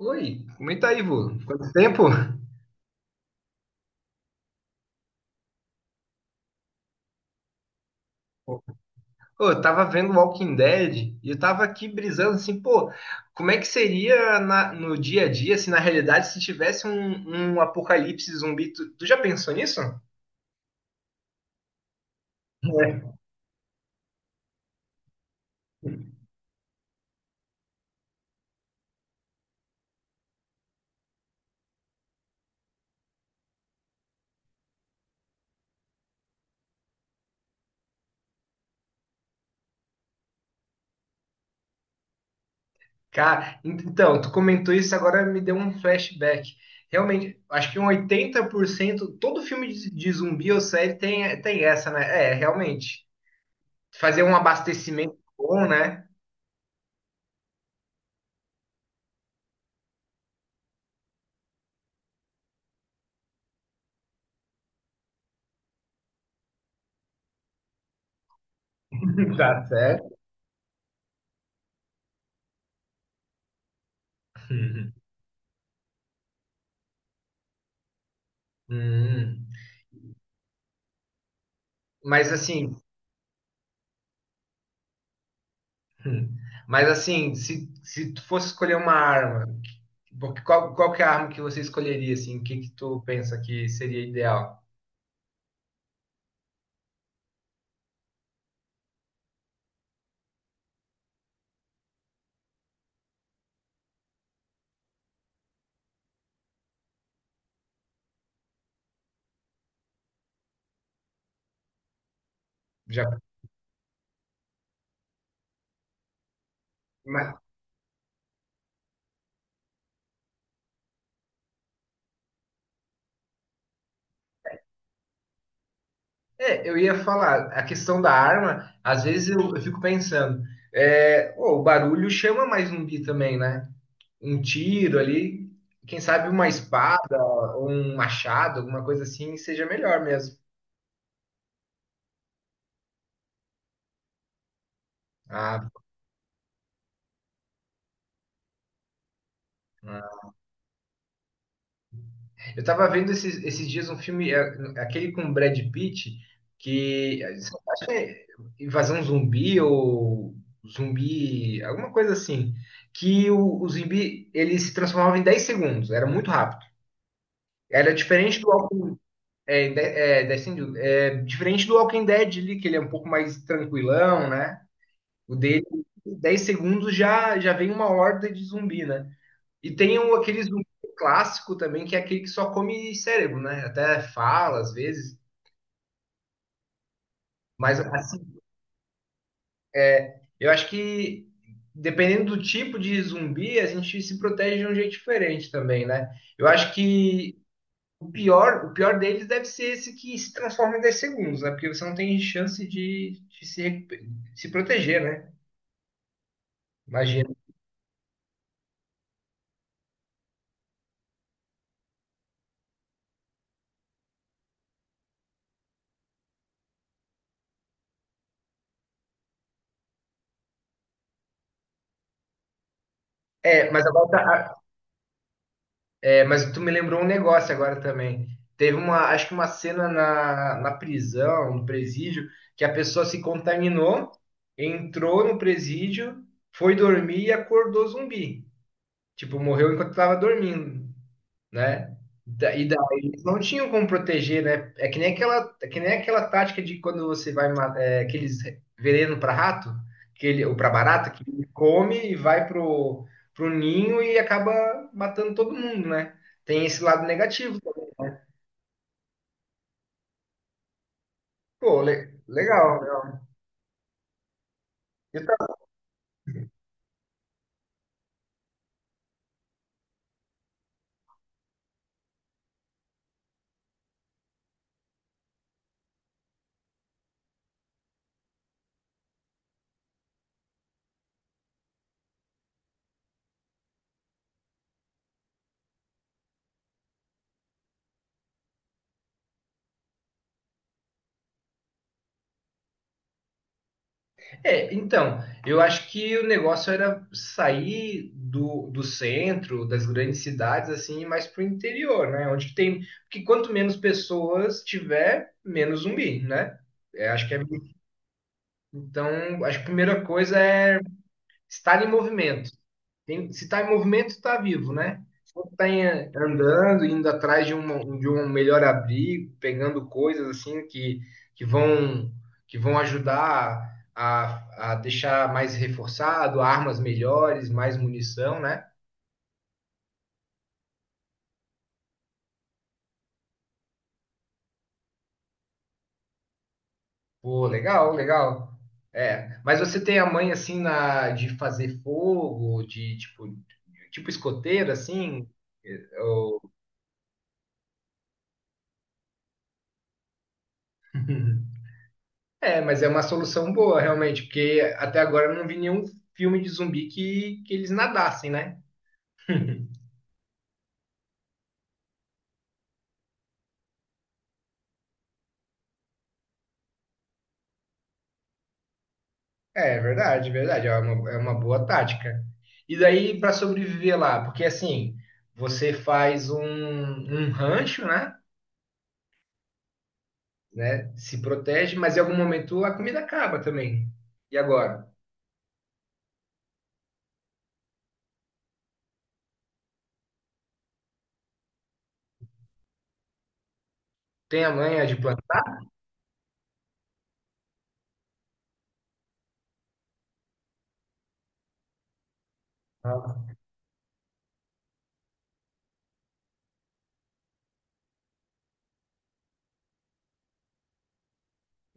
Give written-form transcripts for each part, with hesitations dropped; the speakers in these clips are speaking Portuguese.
Oi, comenta aí, vô. Quanto tempo? Pô, eu tava vendo Walking Dead e eu tava aqui brisando assim, pô, como é que seria no dia a dia se na realidade se tivesse um apocalipse zumbi? Tu já pensou nisso? É. Cara, então, tu comentou isso, agora me deu um flashback. Realmente, acho que um 80% todo filme de zumbi ou série tem essa, né? É, realmente. Fazer um abastecimento bom, né? Tá certo. Uhum. Hum. Mas assim, mas assim, se tu fosse escolher uma arma, porque qual que é a arma que você escolheria, assim? O que que tu pensa que seria ideal? Já, mas, é, eu ia falar, a questão da arma, às vezes eu fico pensando, é, pô, o barulho chama mais zumbi também, né? Um tiro ali, quem sabe uma espada, ou um machado, alguma coisa assim, seja melhor mesmo. Ah, eu tava vendo esses dias um filme, é, aquele com Brad Pitt, que acho que é Invasão Zumbi ou Zumbi, alguma coisa assim, que o zumbi ele se transformava em 10 segundos, era muito rápido. Era diferente do Walking, é, é, 10 segundos, é, diferente do Walking Dead ali, que ele é um pouco mais tranquilão, né? O dele, em 10 segundos já já vem uma horda de zumbi, né? E tem um, aqueles zumbi clássico também, que é aquele que só come cérebro, né? Até fala às vezes. Mas assim, eu acho que dependendo do tipo de zumbi, a gente se protege de um jeito diferente também, né? Eu acho que o pior deles deve ser esse que se transforma em 10 segundos, né? Porque você não tem chance de, de se proteger, né? Imagina. É, mas agora tá, é, mas tu me lembrou um negócio agora também. Teve uma, acho que uma cena na prisão, no presídio, que a pessoa se contaminou, entrou no presídio, foi dormir e acordou zumbi. Tipo, morreu enquanto estava dormindo, né? E daí eles não tinham como proteger, né? É que nem aquela, é que nem aquela tática de quando você vai aqueles veneno para rato, que ele, ou para barata, que ele come e vai pro ninho e acaba matando todo mundo, né? Tem esse lado negativo. Pô, legal, legal. Eu É, então, eu acho que o negócio era sair do centro, das grandes cidades, assim, e mais pro interior, né? Onde tem. Porque quanto menos pessoas tiver, menos zumbi, né? É, acho que é. Então, acho que a primeira coisa é estar em movimento. Se está em movimento, está vivo, né? Quando está andando, indo atrás de um melhor abrigo, pegando coisas assim que vão que vão ajudar a deixar mais reforçado, armas melhores, mais munição, né? Pô, legal, legal. É, mas você tem a mãe assim na de fazer fogo, de tipo escoteiro assim, ou... É, mas é uma solução boa, realmente, porque até agora eu não vi nenhum filme de zumbi que eles nadassem, né? É, é verdade, é verdade. É uma boa tática. E daí para sobreviver lá, porque assim, você faz um rancho, né? Né? Se protege, mas em algum momento a comida acaba também. E agora? Tem a manha de plantar?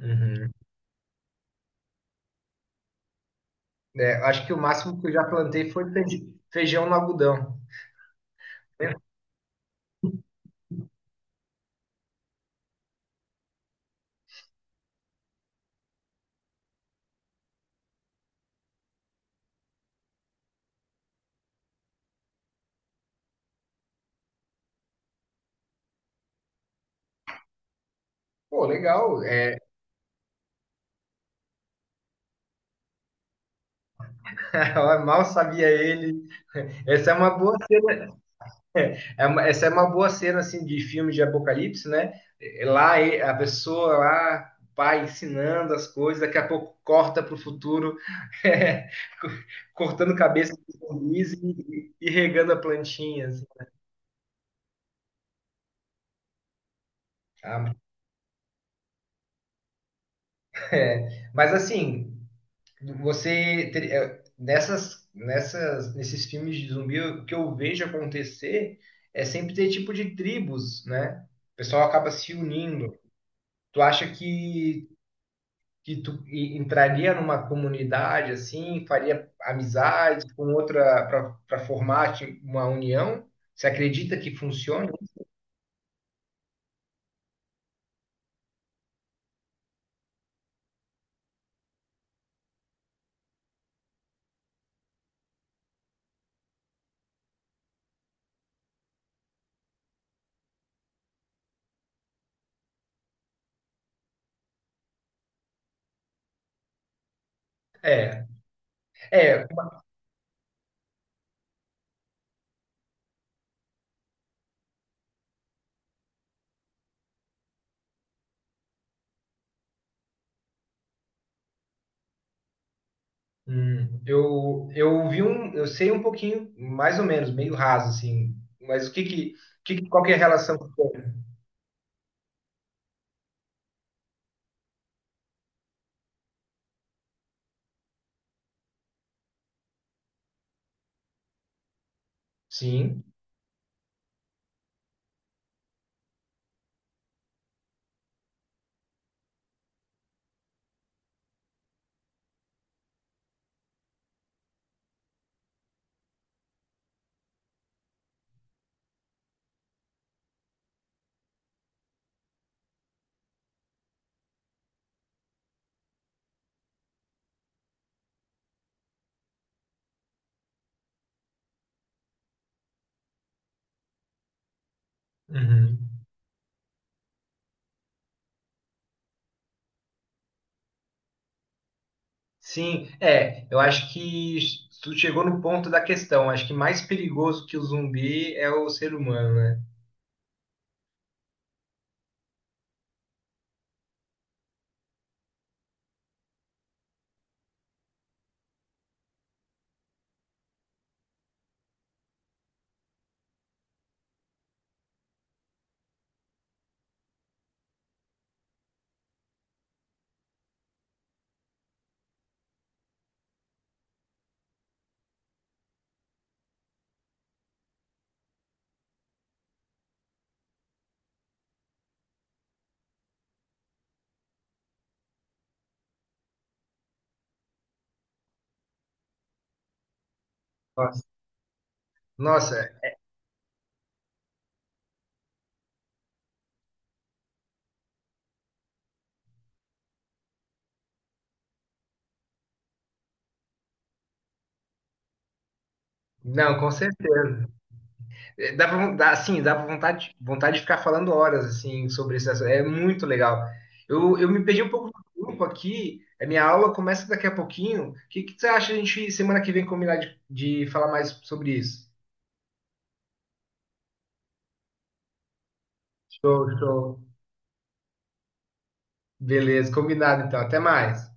Uhum. É, acho que o máximo que eu já plantei foi feijão no algodão. Pô, legal. É, mal sabia ele. Essa é uma boa cena, essa é uma boa cena assim de filme de apocalipse, né? É, lá a pessoa lá, o pai ensinando as coisas, daqui a pouco corta para o futuro, é, co- cortando cabeça de zumbis e regando a plantinha, assim. Ah, é. Mas assim, você nesses filmes de zumbi, o que eu vejo acontecer é sempre ter tipo de tribos, né? O pessoal acaba se unindo. Tu acha que tu entraria numa comunidade assim, faria amizade com outra para formar uma união? Você acredita que funcione? É, é. Eu vi um, eu sei um pouquinho, mais ou menos, meio raso assim. Mas o que que, qual que é a relação que tem? Sim. Uhum. Sim, é, eu acho que tu chegou no ponto da questão. Acho que mais perigoso que o zumbi é o ser humano, né? Nossa, nossa, não, com certeza. Eh, dá, assim, dá pra vontade, vontade de ficar falando horas assim sobre esse assunto. É muito legal. Eu me perdi um pouco do grupo aqui. A minha aula começa daqui a pouquinho. O que, que você acha a gente semana que vem combinar de falar mais sobre isso? Show, show. Beleza, combinado então. Até mais.